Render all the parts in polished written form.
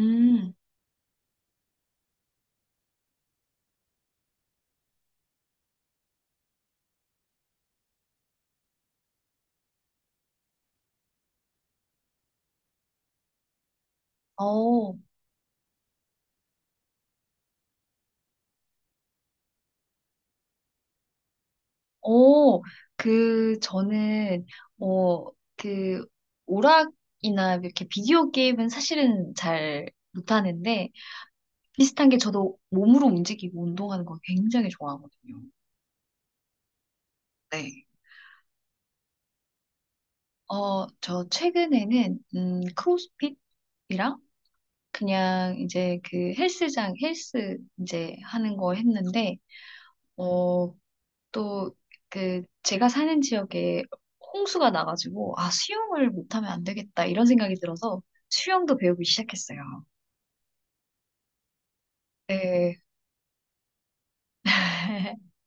음, 어, 어, 저는 어, 그, 오락이나 이렇게 비디오 게임은 사실은 잘 못하는데, 비슷한 게 저도 몸으로 움직이고 운동하는 걸 굉장히 좋아하거든요. 네. 저 최근에는 크로스핏이랑 그냥 이제 그 헬스 이제 하는 거 했는데, 어, 또 그 제가 사는 지역에 홍수가 나가지고, 아, 수영을 못하면 안 되겠다 이런 생각이 들어서 수영도 배우기 시작했어요. 네.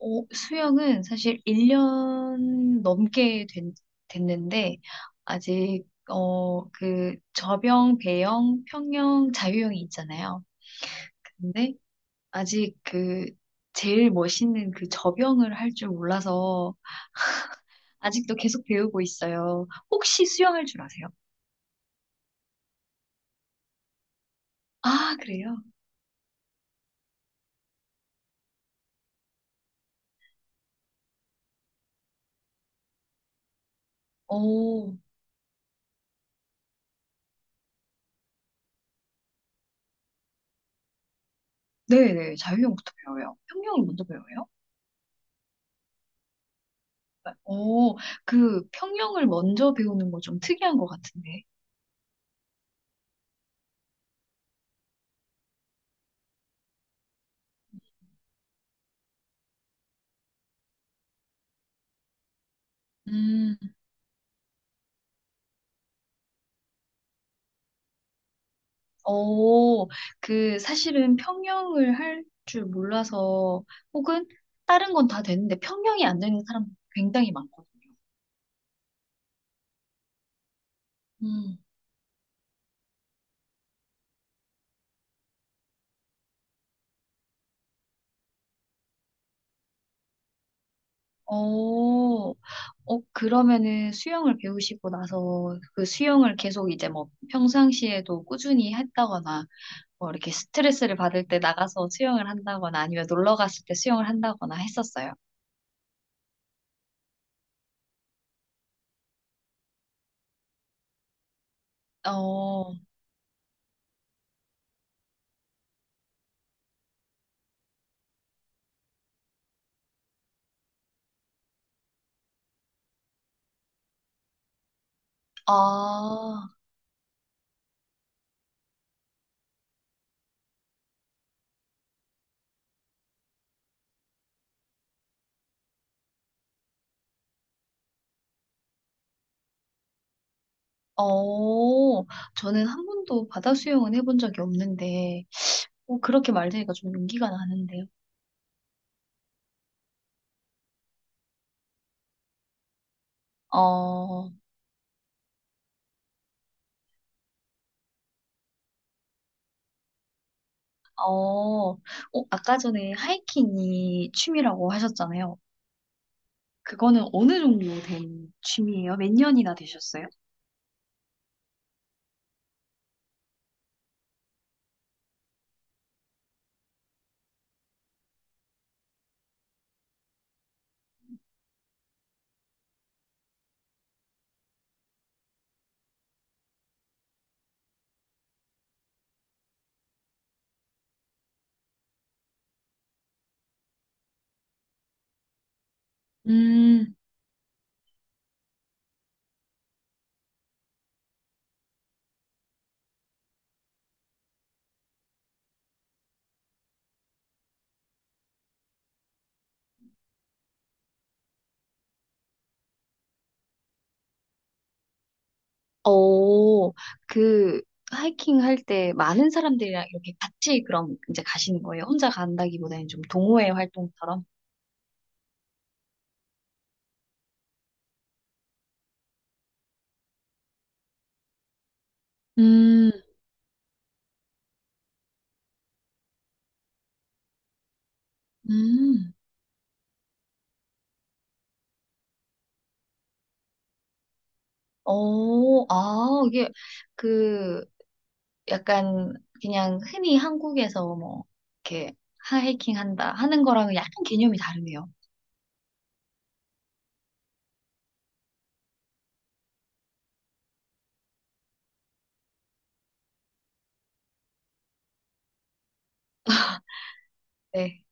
어, 수영은 사실 1년 넘게 됐는데 아직 저병, 배영, 평영, 자유형이 있잖아요. 근데 아직 그 제일 멋있는 그 저병을 할 줄 몰라서 아직도 계속 배우고 있어요. 혹시 수영할 줄 아세요? 아, 그래요? 오, 네네. 자유형부터 배워요. 평형을 먼저 배워요? 오, 그 평형을 먼저 배우는 거 좀 특이한 것 같은데. 음. 오. 사실은 평형을 할 줄 몰라서, 혹은 다른 건 다 되는데 평형이 안 되는 사람 굉장히 많거든요. 음. 오. 그러면은 수영을 배우시고 나서 그 수영을 계속 이제 뭐 평상시에도 꾸준히 했다거나, 뭐 이렇게 스트레스를 받을 때 나가서 수영을 한다거나 아니면 놀러 갔을 때 수영을 한다거나 했었어요. 어, 아, 어, 저는 한 번도 바다 수영은 해본 적이 없는데, 그렇게 말되니까 좀 용기가 나는데요. 어, 어, 어, 아까 전에 하이킹이 취미라고 하셨잖아요. 그거는 어느 정도 된 취미예요? 몇 년이나 되셨어요? 음 어, 그, 하이킹 할 때 많은 사람들이랑 이렇게 같이 그럼 이제 가시는 거예요? 혼자 간다기보다는 좀 동호회 활동처럼? 음, 음, 이게 그 약간 그냥 흔히 한국에서 뭐 이렇게 하이킹 한다 하는 거랑은 약간 개념이 다르네요. 네,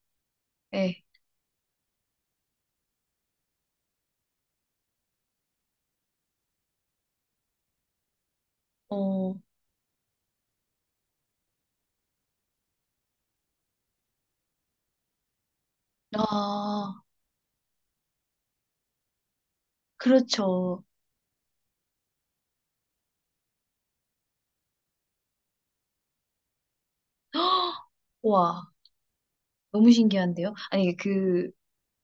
네, 어, 아, 그렇죠. 와, 너무 신기한데요? 아니, 그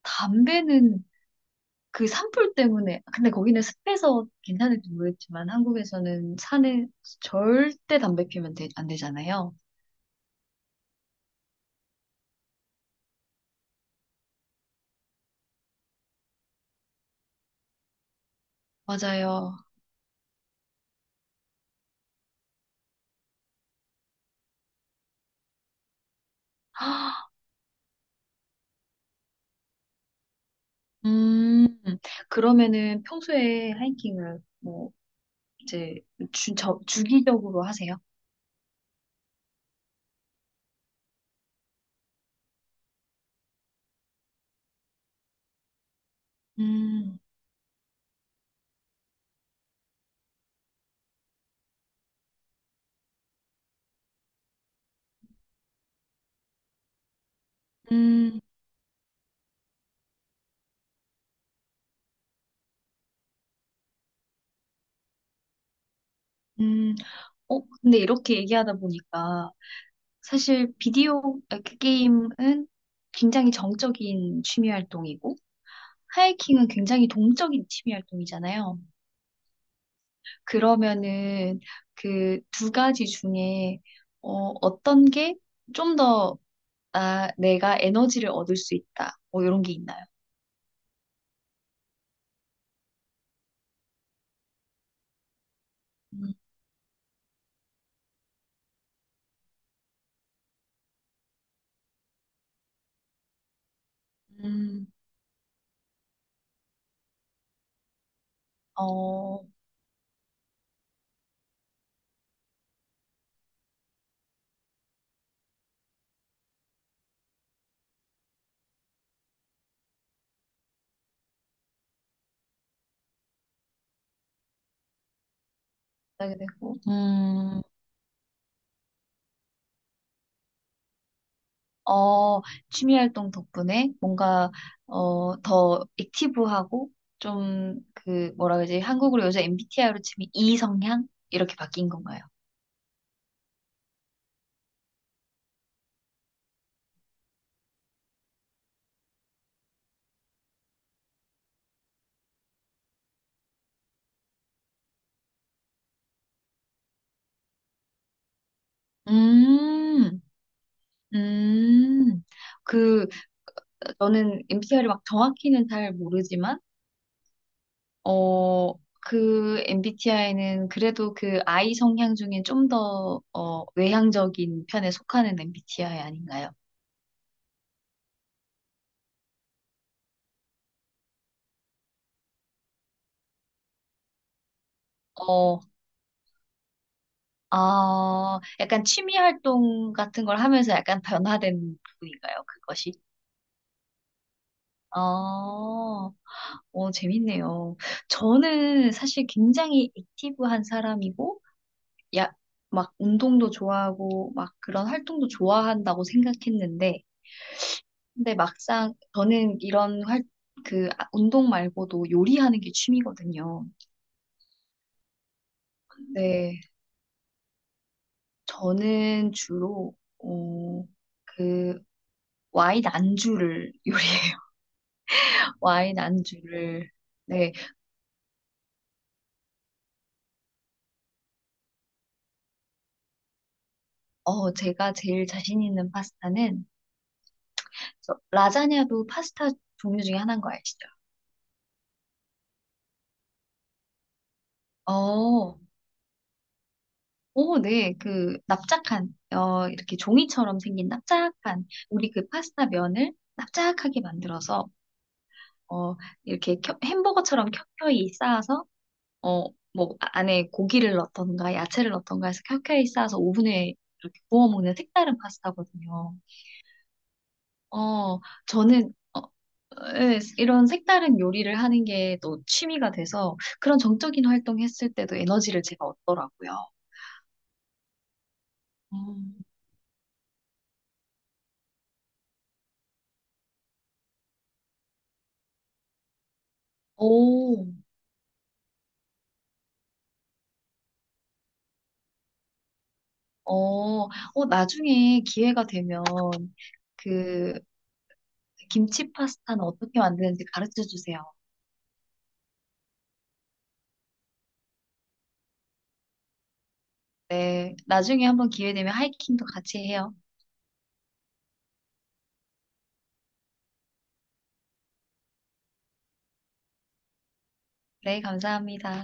담배는 그 산불 때문에, 근데 거기는 습해서 괜찮을지 모르겠지만 한국에서는 산에 절대 담배 피우면 안 되잖아요. 맞아요. 음, 그러면은 평소에 하이킹을 뭐 이제 주기적으로 하세요? 음. 음. 음. 근데 이렇게 얘기하다 보니까 사실 그 게임은 굉장히 정적인 취미 활동이고, 하이킹은 굉장히 동적인 취미 활동이잖아요. 그러면은 그 두 가지 중에 어, 어떤 게 좀 더, 내가 에너지를 얻을 수 있다, 뭐 이런 게 있나요? 음, 음, 어, 하게 되고. 어, 취미 활동 덕분에 뭔가 더 액티브하고 좀 그 뭐라 그러지? 한국으로 요새 MBTI로 치면 이성향 이렇게 바뀐 건가요? 음, 음, 그 너는 MBTI를 막 정확히는 잘 모르지만, 어, 그 MBTI는 그래도 그 I 성향 중에 좀 더, 외향적인 편에 속하는 MBTI 아닌가요? 어, 약간 취미 활동 같은 걸 하면서 약간 변화된 부분인가요? 그것이? 어, 재밌네요. 저는 사실 굉장히 액티브한 사람이고, 야, 막 운동도 좋아하고, 막 그런 활동도 좋아한다고 생각했는데, 근데 막상 저는 이런 활, 그 아- 운동 말고도 요리하는 게 취미거든요. 네, 저는 주로 그 와인 안주를 요리해요. 와인 안주를 네. 제가 제일 자신 있는 파스타는, 라자냐도 파스타 종류 중에 하나인 거 아시죠? 어, 네, 그 납작한, 이렇게 종이처럼 생긴 납작한 우리 그 파스타 면을 납작하게 만들어서, 어, 이렇게 햄버거처럼 켜켜이 쌓아서, 어, 안에 고기를 넣던가 야채를 넣던가 해서 켜켜이 쌓아서 오븐에 이렇게 구워 먹는 색다른 파스타거든요. 어, 저는, 어, 예, 이런 색다른 요리를 하는 게 또 취미가 돼서 그런 정적인 활동 했을 때도 에너지를 제가 얻더라고요. 음. 오, 어, 나중에 기회가 되면 그 김치 파스타는 어떻게 만드는지 가르쳐 주세요. 네, 나중에 한번 기회 되면 하이킹도 같이 해요. 네, 감사합니다.